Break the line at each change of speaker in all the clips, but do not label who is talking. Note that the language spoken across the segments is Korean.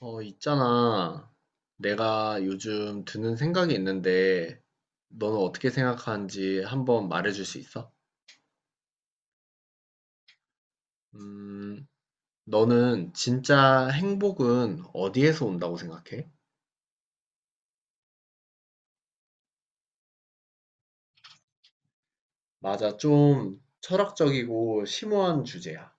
있잖아. 내가 요즘 드는 생각이 있는데, 너는 어떻게 생각하는지 한번 말해줄 수 있어? 음, 너는 진짜 행복은 어디에서 온다고 생각해? 맞아, 좀 철학적이고 심오한 주제야.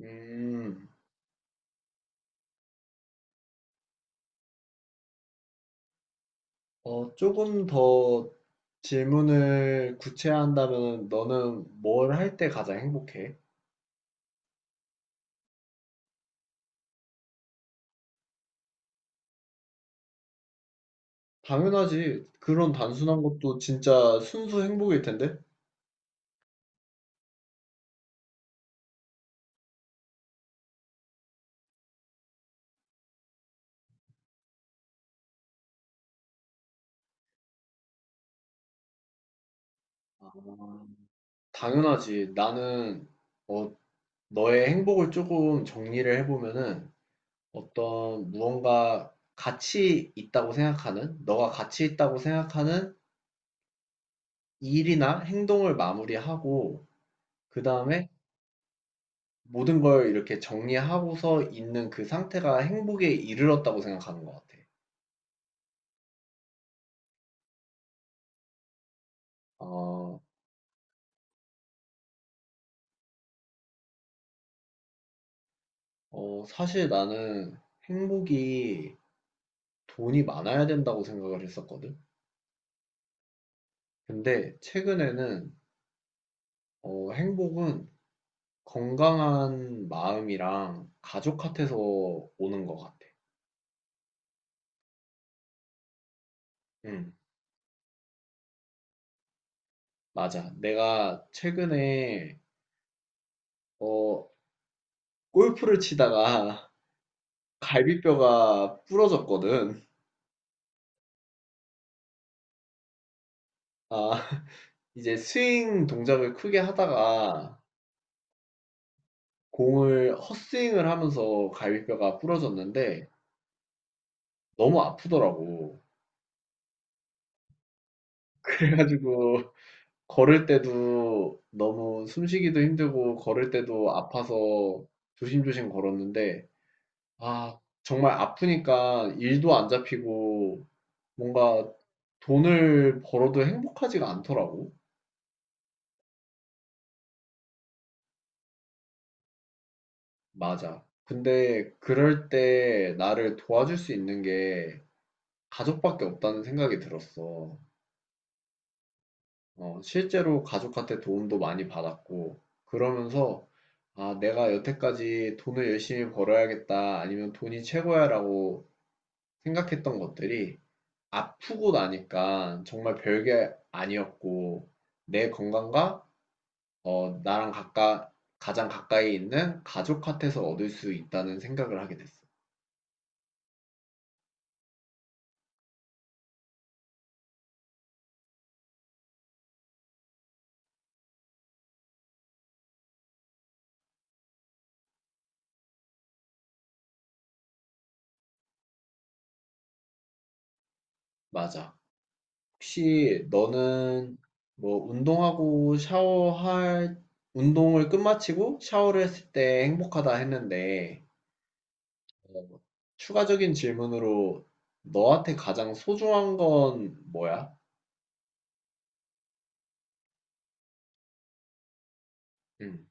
음, 조금 더 질문을 구체화한다면 너는 뭘 할 때 가장 행복해? 당연하지. 그런 단순한 것도 진짜 순수 행복일 텐데? 음. 당연하지. 나는 어, 너의 행복을 조금 정리를 해보면은 어떤 무언가 가치 있다고 생각하는, 너가 가치 있다고 생각하는 일이나 행동을 마무리하고, 그 다음에 모든 걸 이렇게 정리하고서 있는 그 상태가 행복에 이르렀다고 생각하는 것 같아. 어, 사실 나는 행복이 돈이 많아야 된다고 생각을 했었거든. 근데 최근에는 행복은 건강한 마음이랑 가족 같아서 오는 것 같아. 응, 맞아. 내가 최근에, 어, 골프를 치다가 갈비뼈가 부러졌거든. 아, 이제 스윙 동작을 크게 하다가 공을 헛스윙을 하면서 갈비뼈가 부러졌는데 너무 아프더라고. 그래가지고 걸을 때도 너무 숨쉬기도 힘들고 걸을 때도 아파서 조심조심 걸었는데 아, 정말 아프니까 일도 안 잡히고 뭔가 돈을 벌어도 행복하지가 않더라고. 맞아. 근데 그럴 때 나를 도와줄 수 있는 게 가족밖에 없다는 생각이 들었어. 실제로 가족한테 도움도 많이 받았고, 그러면서 아, 내가 여태까지 돈을 열심히 벌어야겠다, 아니면 돈이 최고야라고 생각했던 것들이 아프고 나니까 정말 별게 아니었고, 내 건강과 어, 나랑 가까, 가장 가까이 있는 가족한테서 얻을 수 있다는 생각을 하게 됐어. 맞아. 혹시 너는 뭐 운동하고 샤워할, 운동을 끝마치고 샤워를 했을 때 행복하다 했는데, 뭐 추가적인 질문으로 너한테 가장 소중한 건 뭐야? 음.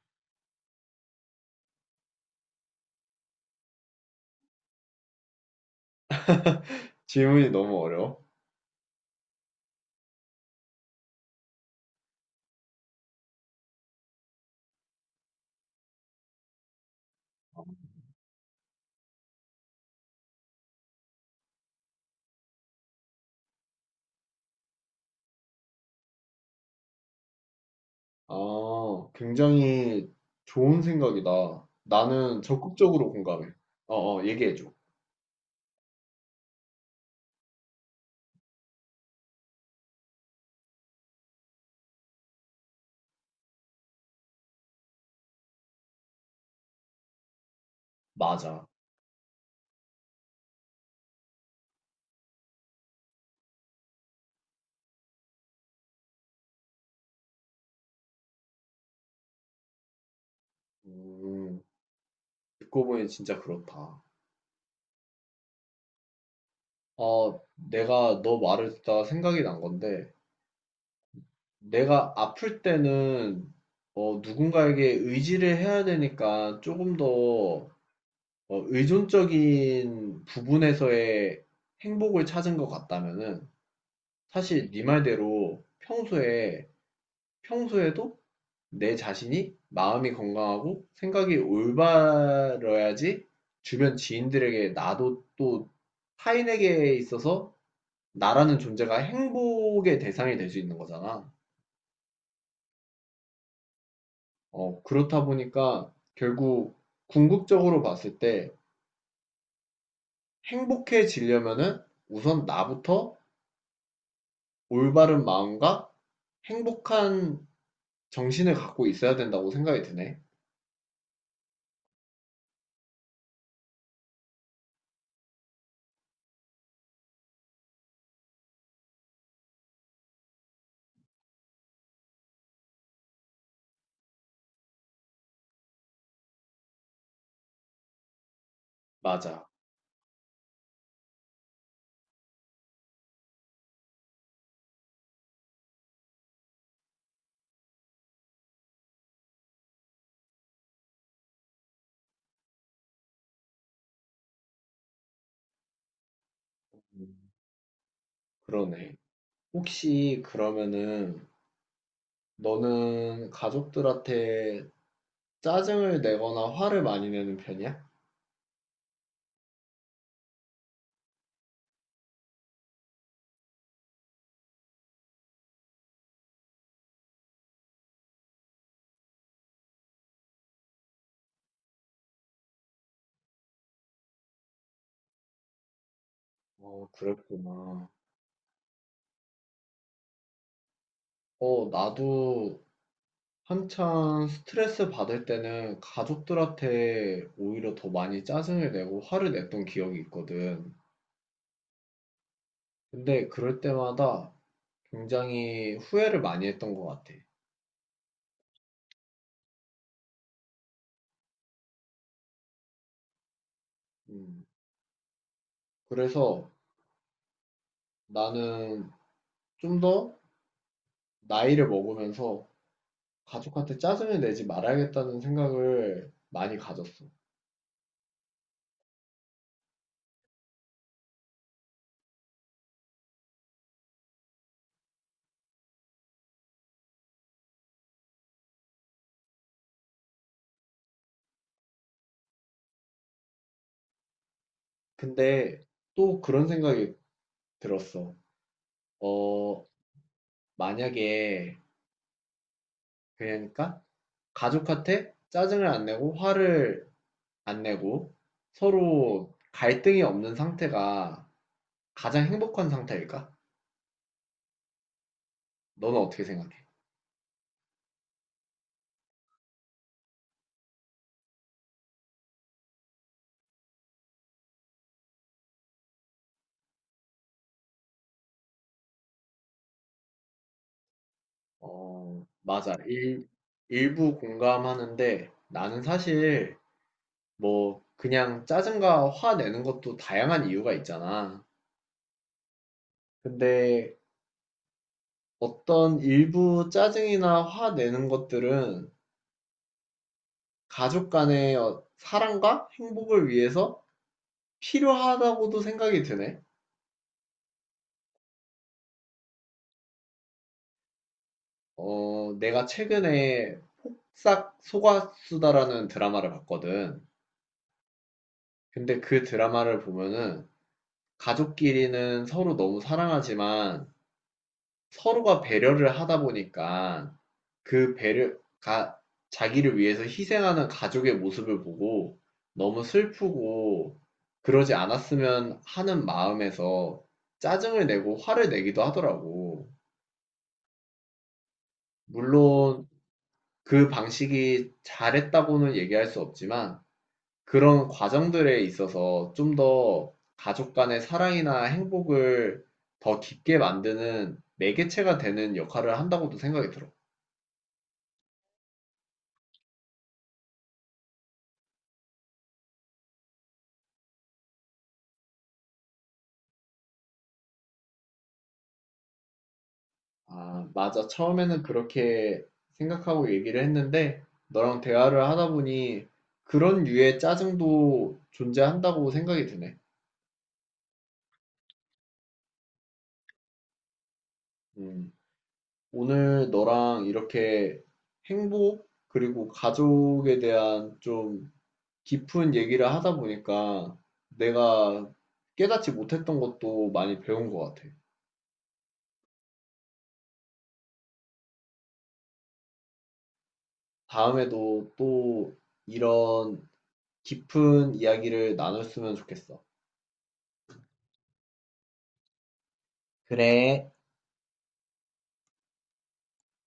질문이 너무 어려워. 아, 굉장히 좋은 생각이다. 나는 적극적으로 공감해. 얘기해줘. 맞아. 음. 듣고 보니 진짜 그렇다. 아, 내가 너 말을 듣다가 생각이 난 건데, 내가 아플 때는 누군가에게 의지를 해야 되니까 조금 더 의존적인 부분에서의 행복을 찾은 것 같다면은, 사실 네 말대로 평소에, 평소에도 내 자신이 마음이 건강하고 생각이 올바러야지 주변 지인들에게 나도 또 타인에게 있어서 나라는 존재가 행복의 대상이 될 수 있는 거잖아. 그렇다 보니까 결국 궁극적으로 봤을 때 행복해지려면은 우선 나부터 올바른 마음과 행복한 정신을 갖고 있어야 된다고 생각이 드네. 맞아. 음, 그러네. 혹시 그러면은 너는 가족들한테 짜증을 내거나 화를 많이 내는 편이야? 어, 그랬구나. 나도 한창 스트레스 받을 때는 가족들한테 오히려 더 많이 짜증을 내고 화를 냈던 기억이 있거든. 근데 그럴 때마다 굉장히 후회를 많이 했던 것 같아. 음, 그래서 나는 좀 더 나이를 먹으면서 가족한테 짜증을 내지 말아야겠다는 생각을 많이 가졌어. 근데 또 그런 생각이 들었어. 어, 만약에, 그러니까 가족한테 짜증을 안 내고 화를 안 내고 서로 갈등이 없는 상태가 가장 행복한 상태일까? 너는 어떻게 생각해? 어, 맞아. 일부 공감하는데 나는 사실 뭐 그냥 짜증과 화 내는 것도 다양한 이유가 있잖아. 근데 어떤 일부 짜증이나 화 내는 것들은 가족 간의 사랑과 행복을 위해서 필요하다고도 생각이 드네. 내가 최근에 싹 속았수다라는 드라마를 봤거든. 근데 그 드라마를 보면은 가족끼리는 서로 너무 사랑하지만 서로가 배려를 하다 보니까 그 배려가 자기를 위해서 희생하는 가족의 모습을 보고 너무 슬프고 그러지 않았으면 하는 마음에서 짜증을 내고 화를 내기도 하더라고. 물론 그 방식이 잘했다고는 얘기할 수 없지만 그런 과정들에 있어서 좀 더 가족 간의 사랑이나 행복을 더 깊게 만드는 매개체가 되는 역할을 한다고도 생각이 들어. 아, 맞아. 처음에는 그렇게 생각하고 얘기를 했는데 너랑 대화를 하다 보니 그런 류의 짜증도 존재한다고 생각이 드네. 음, 오늘 너랑 이렇게 행복 그리고 가족에 대한 좀 깊은 얘기를 하다 보니까 내가 깨닫지 못했던 것도 많이 배운 것 같아. 다음에도 또 이런 깊은 이야기를 나눴으면 좋겠어. 그래.